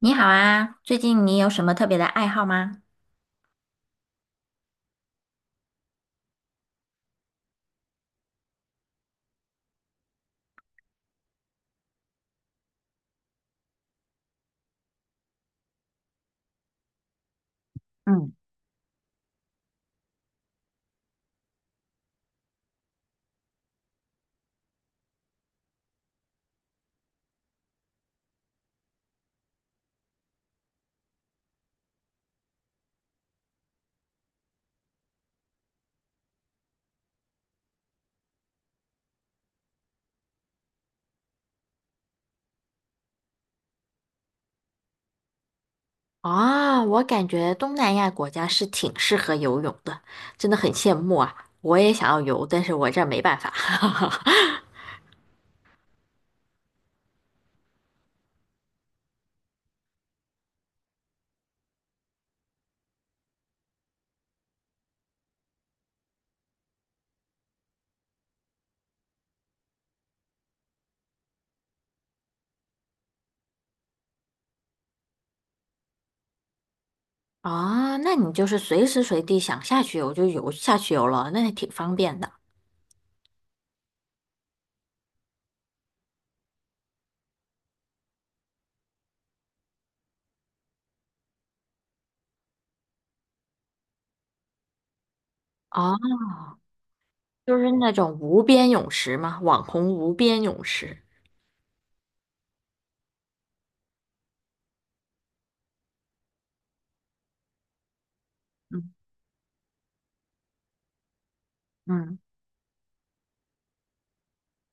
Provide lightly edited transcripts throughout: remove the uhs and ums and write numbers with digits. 你好啊，最近你有什么特别的爱好吗？嗯。啊，我感觉东南亚国家是挺适合游泳的，真的很羡慕啊！我也想要游，但是我这儿没办法。啊，那你就是随时随地想下去游就游下去游了，那还挺方便的。啊，就是那种无边泳池嘛，网红无边泳池。嗯嗯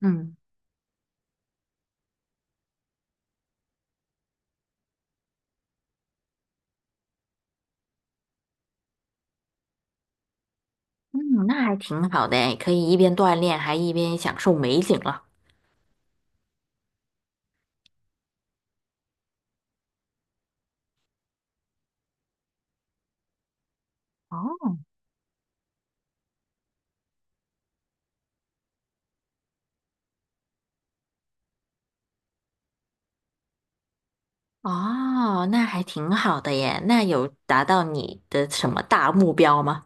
嗯嗯，那还挺好的诶，可以一边锻炼还一边享受美景了。哦哦，那还挺好的耶。那有达到你的什么大目标吗？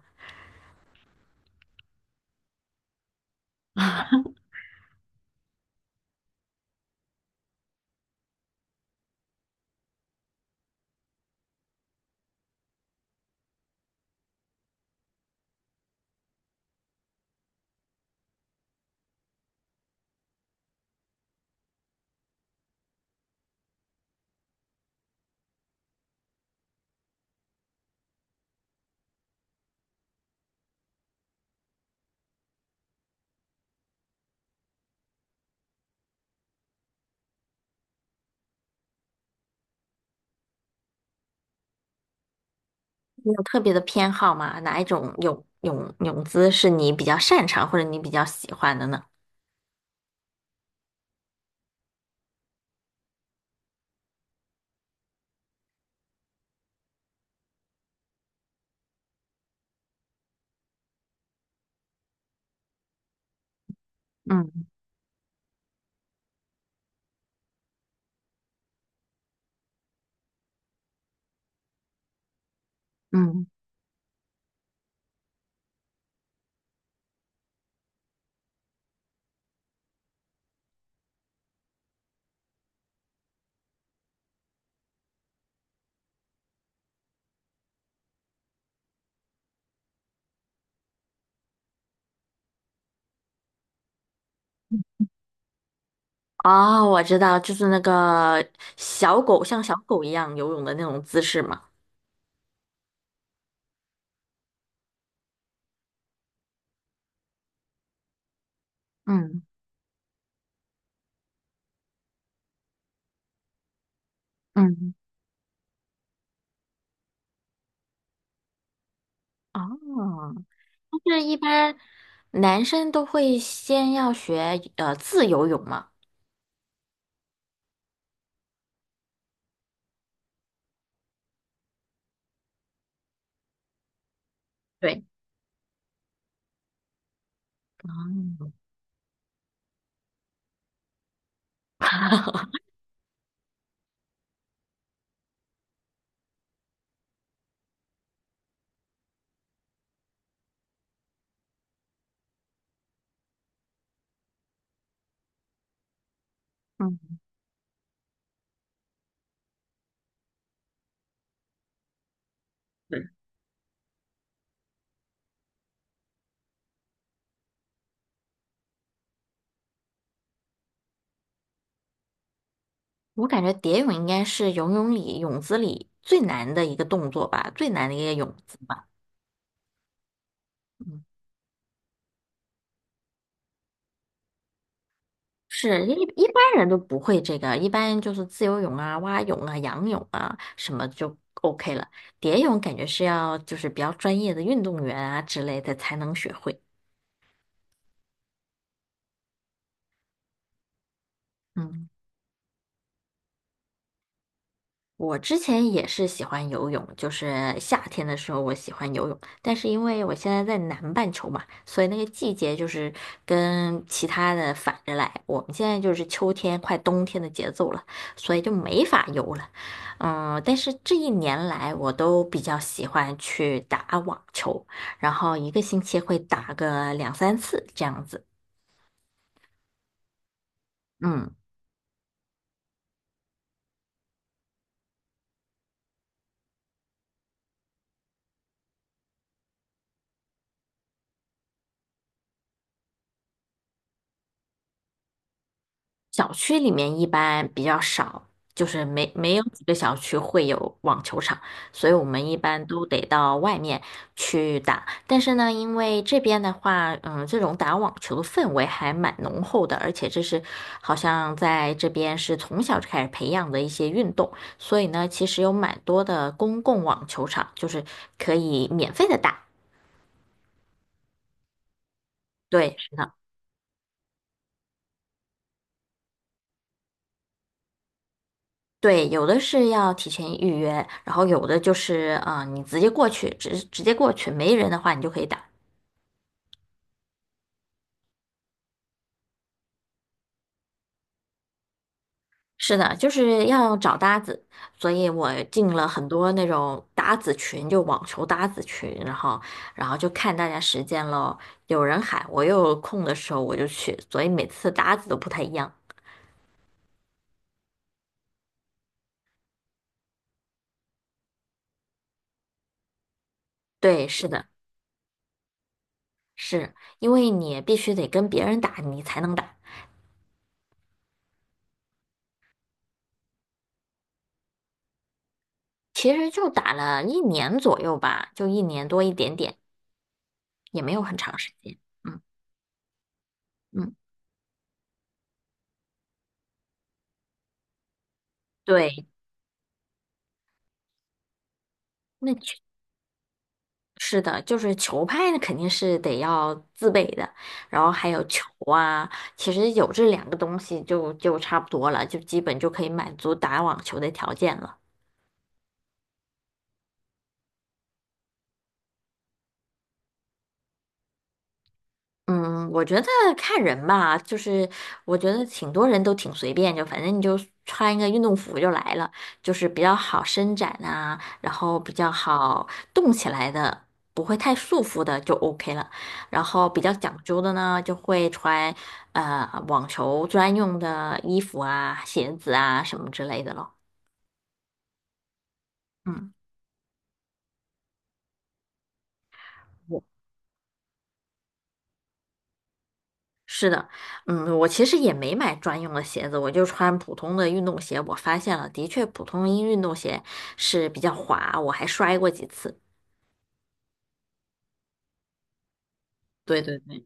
你有特别的偏好吗？哪一种泳姿是你比较擅长或者你比较喜欢的呢？嗯嗯。哦，我知道，就是那个小狗像小狗一样游泳的那种姿势嘛。嗯嗯。哦，就是一般男生都会先要学自由泳嘛。对。哦。嗯。我感觉蝶泳应该是游泳里泳姿里最难的一个动作吧，最难的一个泳姿吧。嗯，是一般人都不会这个，一般就是自由泳啊、蛙泳啊、仰泳啊什么就 OK 了。蝶泳感觉是要就是比较专业的运动员啊之类的才能学会。嗯。我之前也是喜欢游泳，就是夏天的时候我喜欢游泳，但是因为我现在在南半球嘛，所以那个季节就是跟其他的反着来。我们现在就是秋天快冬天的节奏了，所以就没法游了。嗯，但是这一年来我都比较喜欢去打网球，然后一个星期会打个两三次这样子。嗯。小区里面一般比较少，就是没有几个小区会有网球场，所以我们一般都得到外面去打。但是呢，因为这边的话，嗯，这种打网球的氛围还蛮浓厚的，而且这是好像在这边是从小就开始培养的一些运动，所以呢，其实有蛮多的公共网球场，就是可以免费的打。对。是的。对，有的是要提前预约，然后有的就是啊、你直接过去，直接过去，没人的话你就可以打。是的，就是要找搭子，所以我进了很多那种搭子群，就网球搭子群，然后然后就看大家时间咯，有人喊，我又有空的时候我就去，所以每次搭子都不太一样。对，是的。是因为你必须得跟别人打，你才能打。其实就打了一年左右吧，就一年多一点点。也没有很长时间。嗯嗯。对，那确是的，就是球拍那肯定是得要自备的，然后还有球啊，其实有这两个东西就就差不多了，就基本就可以满足打网球的条件了。嗯，我觉得看人吧，就是我觉得挺多人都挺随便，就反正你就穿一个运动服就来了，就是比较好伸展啊，然后比较好动起来的，不会太束缚的就 OK 了。然后比较讲究的呢，就会穿网球专用的衣服啊、鞋子啊什么之类的咯。嗯。是的，嗯，我其实也没买专用的鞋子，我就穿普通的运动鞋。我发现了，的确，普通一运动鞋是比较滑，我还摔过几次。对对对，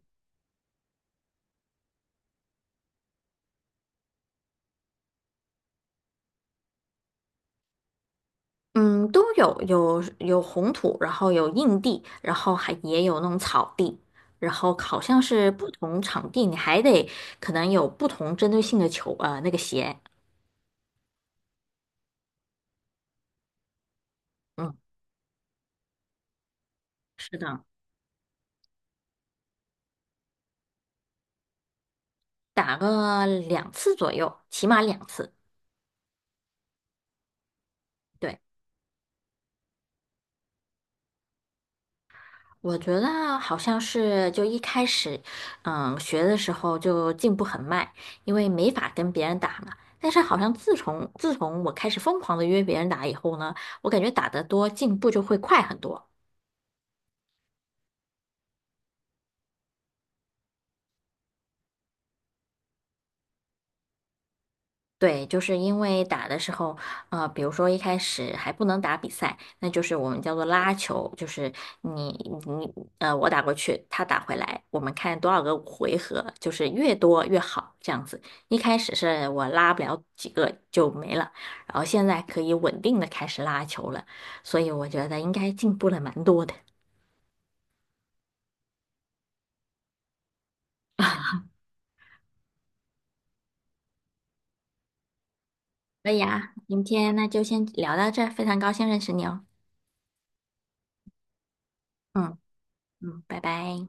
嗯，都有，有红土，然后有硬地，然后还也有那种草地，然后好像是不同场地，你还得可能有不同针对性的球，那个鞋。嗯，是的，打个两次左右，起码两次。对。我觉得好像是就一开始，嗯，学的时候就进步很慢，因为没法跟别人打嘛。但是好像自从我开始疯狂的约别人打以后呢，我感觉打得多，进步就会快很多。对，就是因为打的时候，比如说一开始还不能打比赛，那就是我们叫做拉球，就是你你呃，我打过去，他打回来，我们看多少个回合，就是越多越好这样子。一开始是我拉不了几个就没了，然后现在可以稳定的开始拉球了，所以我觉得应该进步了蛮多的。可以啊，今天那就先聊到这儿，非常高兴认识你哦。嗯嗯，拜拜。